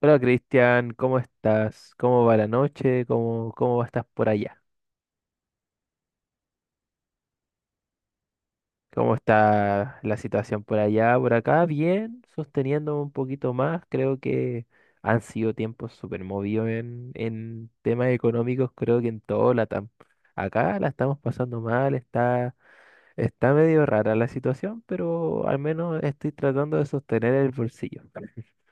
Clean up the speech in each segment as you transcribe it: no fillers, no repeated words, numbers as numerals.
Hola Cristian, ¿cómo estás? ¿Cómo va la noche? ¿Cómo estás por allá? ¿Cómo está la situación por allá, por acá? Bien, sosteniendo un poquito más. Creo que han sido tiempos súper movidos en temas económicos, creo que en todo Latam. Acá la estamos pasando mal, Está medio rara la situación, pero al menos estoy tratando de sostener el bolsillo.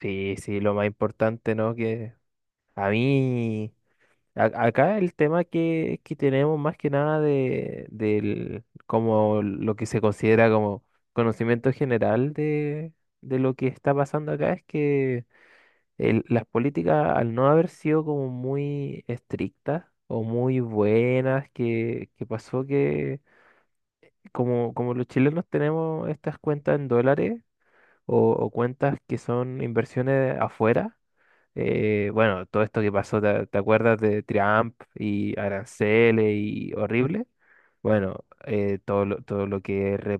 Sí, sí, lo más importante, ¿no? Que a mí... Acá el tema que tenemos más que nada del como lo que se considera como conocimiento general de lo que está pasando acá es que las políticas al no haber sido como muy estrictas o muy buenas, que pasó que como los chilenos tenemos estas cuentas en dólares o cuentas que son inversiones afuera. Bueno, todo esto que pasó, ¿te acuerdas de Trump y aranceles y horrible? Bueno, todo lo que, re-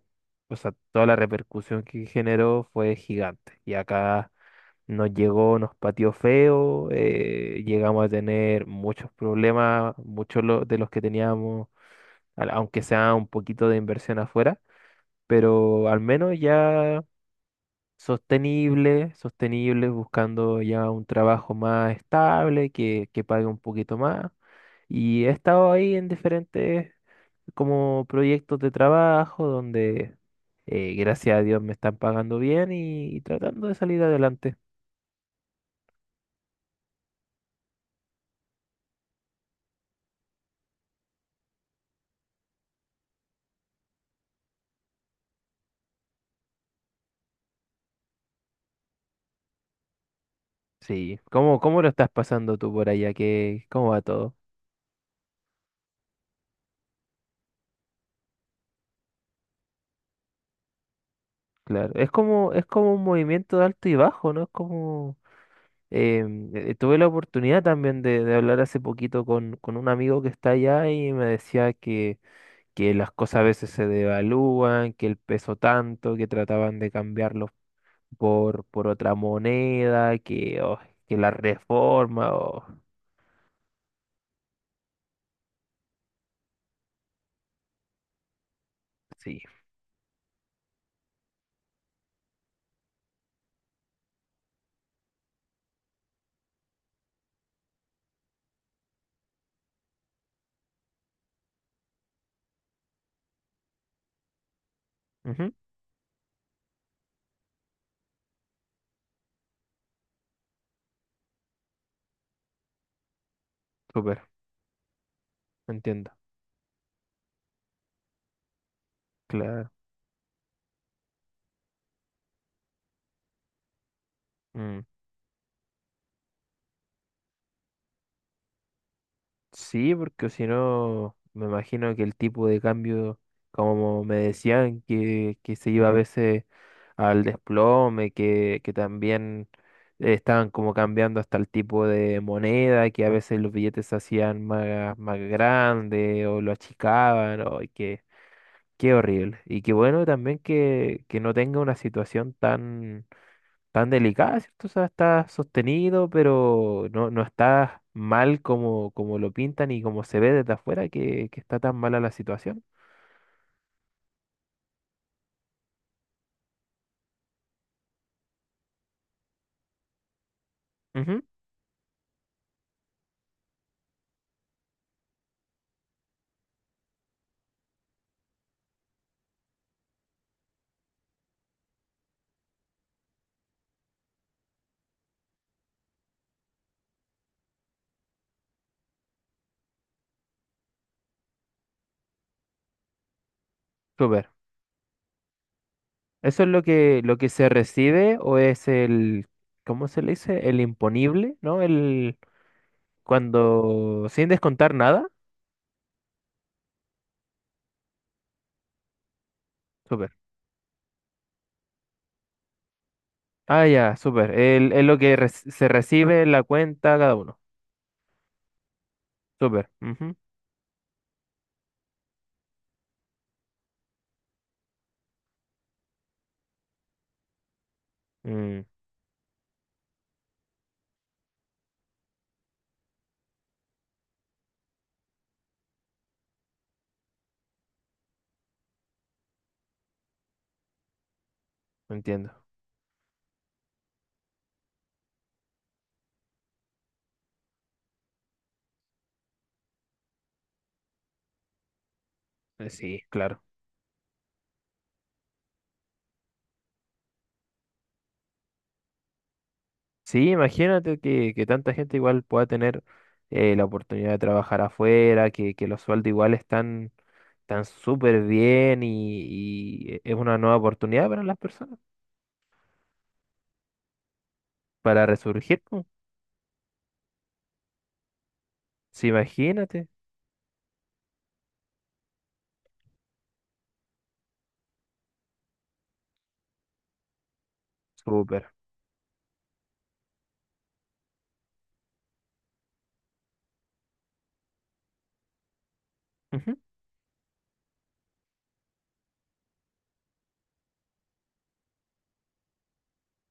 o sea, toda la repercusión que generó fue gigante. Y acá nos llegó, nos pateó feo, llegamos a tener muchos problemas, de los que teníamos, aunque sea un poquito de inversión afuera, pero al menos ya sostenible, sostenible, buscando ya un trabajo más estable, que pague un poquito más. Y he estado ahí en diferentes como proyectos de trabajo donde gracias a Dios me están pagando bien y tratando de salir adelante. Sí, ¿cómo lo estás pasando tú por allá? ¿Qué, cómo va todo? Claro, es como un movimiento de alto y bajo, ¿no? Es como... tuve la oportunidad también de hablar hace poquito con un amigo que está allá y me decía que las cosas a veces se devalúan, que el peso tanto, que trataban de cambiarlo por otra moneda, que, oh, que la reforma, oh, sí, ujú, súper, entiendo, claro. Mm. Sí, porque si no, me imagino que el tipo de cambio, como me decían, que se iba a veces al desplome, que también estaban como cambiando hasta el tipo de moneda, que a veces los billetes se hacían más, más grandes o lo achicaban, o, qué, qué horrible. Y qué bueno también que no tenga una situación tan tan delicada, ¿cierto? O sea, está sostenido, pero no, no está mal como, como lo pintan y como se ve desde afuera que está tan mala la situación. Ujú. Súper. ¿Eso es lo que se recibe o es el, cómo se le dice? El imponible, ¿no? El, cuando, sin descontar nada. Súper. Ah, ya, súper. Es lo que se recibe en la cuenta cada uno. Súper. Ujú. Mm, entiendo. Sí, claro. Sí, imagínate que tanta gente igual pueda tener la oportunidad de trabajar afuera, que los sueldos igual están tan súper bien y es una nueva oportunidad para las personas, para resurgir po. Sí, imagínate, súper. Ujú.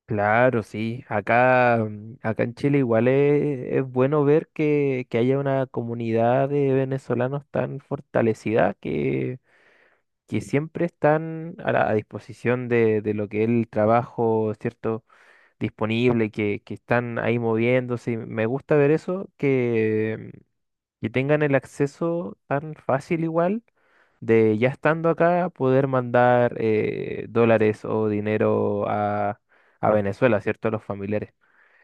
Claro, sí. Acá, mm, acá en Chile igual es bueno ver que haya una comunidad de venezolanos tan fortalecida que siempre están a la a disposición de lo que es el trabajo, ¿cierto? Disponible, que están ahí moviéndose. Y me gusta ver eso, que tengan el acceso tan fácil igual de ya estando acá poder mandar dólares o dinero a Venezuela, ¿cierto? A los familiares.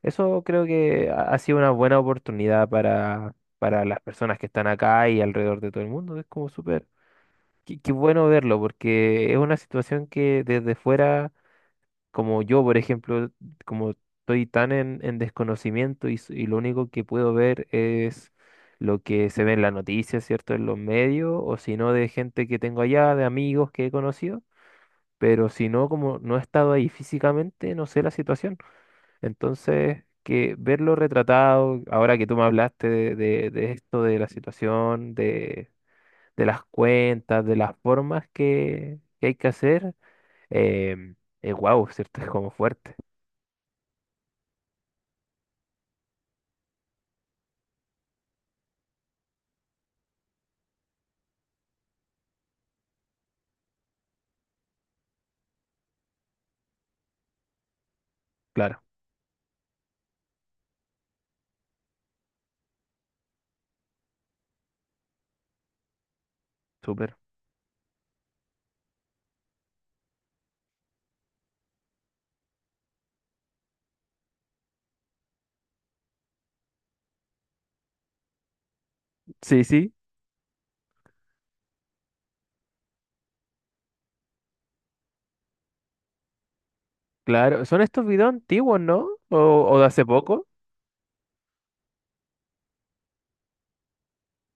Eso creo que ha sido una buena oportunidad para las personas que están acá y alrededor de todo el mundo. Es como súper, qué, qué bueno verlo, porque es una situación que desde fuera como yo, por ejemplo, como estoy tan en desconocimiento y, y lo único que puedo ver es lo que se ve en las noticias, ¿cierto? En los medios, o si no, de gente que tengo allá, de amigos que he conocido, pero si no, como no he estado ahí físicamente, no sé la situación. Entonces, que verlo retratado, ahora que tú me hablaste de esto, de la situación, de las cuentas, de las formas que hay que hacer, eh, es guau, ¿cierto? Es como fuerte. Claro. Súper. Sí, sí, claro. ¿Son estos videos antiguos, no? O de hace poco?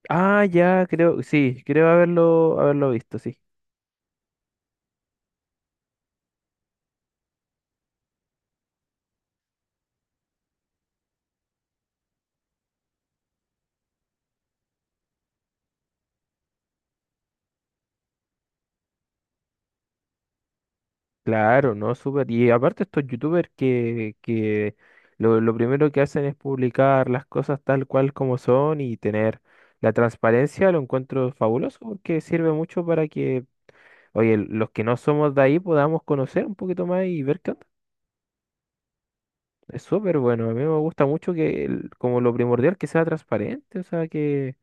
Ah, ya, creo, sí, creo haberlo visto, sí. Claro, no, súper. Y aparte estos youtubers que lo primero que hacen es publicar las cosas tal cual como son y tener la transparencia, lo encuentro fabuloso porque sirve mucho para que, oye, los que no somos de ahí podamos conocer un poquito más y ver qué onda. Es súper bueno. A mí me gusta mucho que, como lo primordial, que sea transparente, o sea,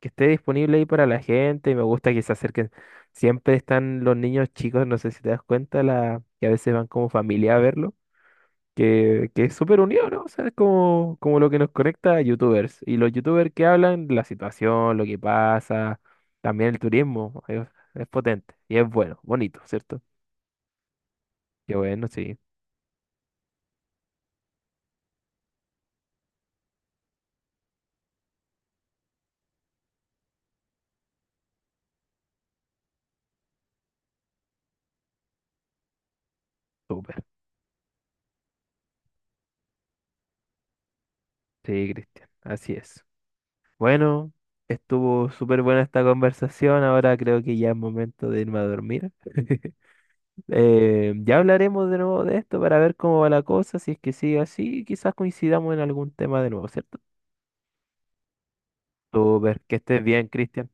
que esté disponible ahí para la gente. Me gusta que se acerquen. Siempre están los niños chicos, no sé si te das cuenta, la, que a veces van como familia a verlo, que es súper unido, ¿no? O sea, es como, como lo que nos conecta a YouTubers. Y los YouTubers que hablan, la situación, lo que pasa, también el turismo, es potente y es bueno, bonito, ¿cierto? Qué bueno, sí, súper. Sí, Cristian, así es. Bueno, estuvo súper buena esta conversación. Ahora creo que ya es momento de irme a dormir. Ya hablaremos de nuevo de esto para ver cómo va la cosa. Si es que sigue así, quizás coincidamos en algún tema de nuevo, ¿cierto? Súper, que estés bien, Cristian.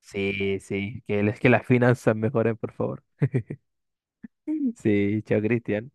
Sí, sí, que, que las finanzas mejoren, por favor. Sí, chao, Cristian.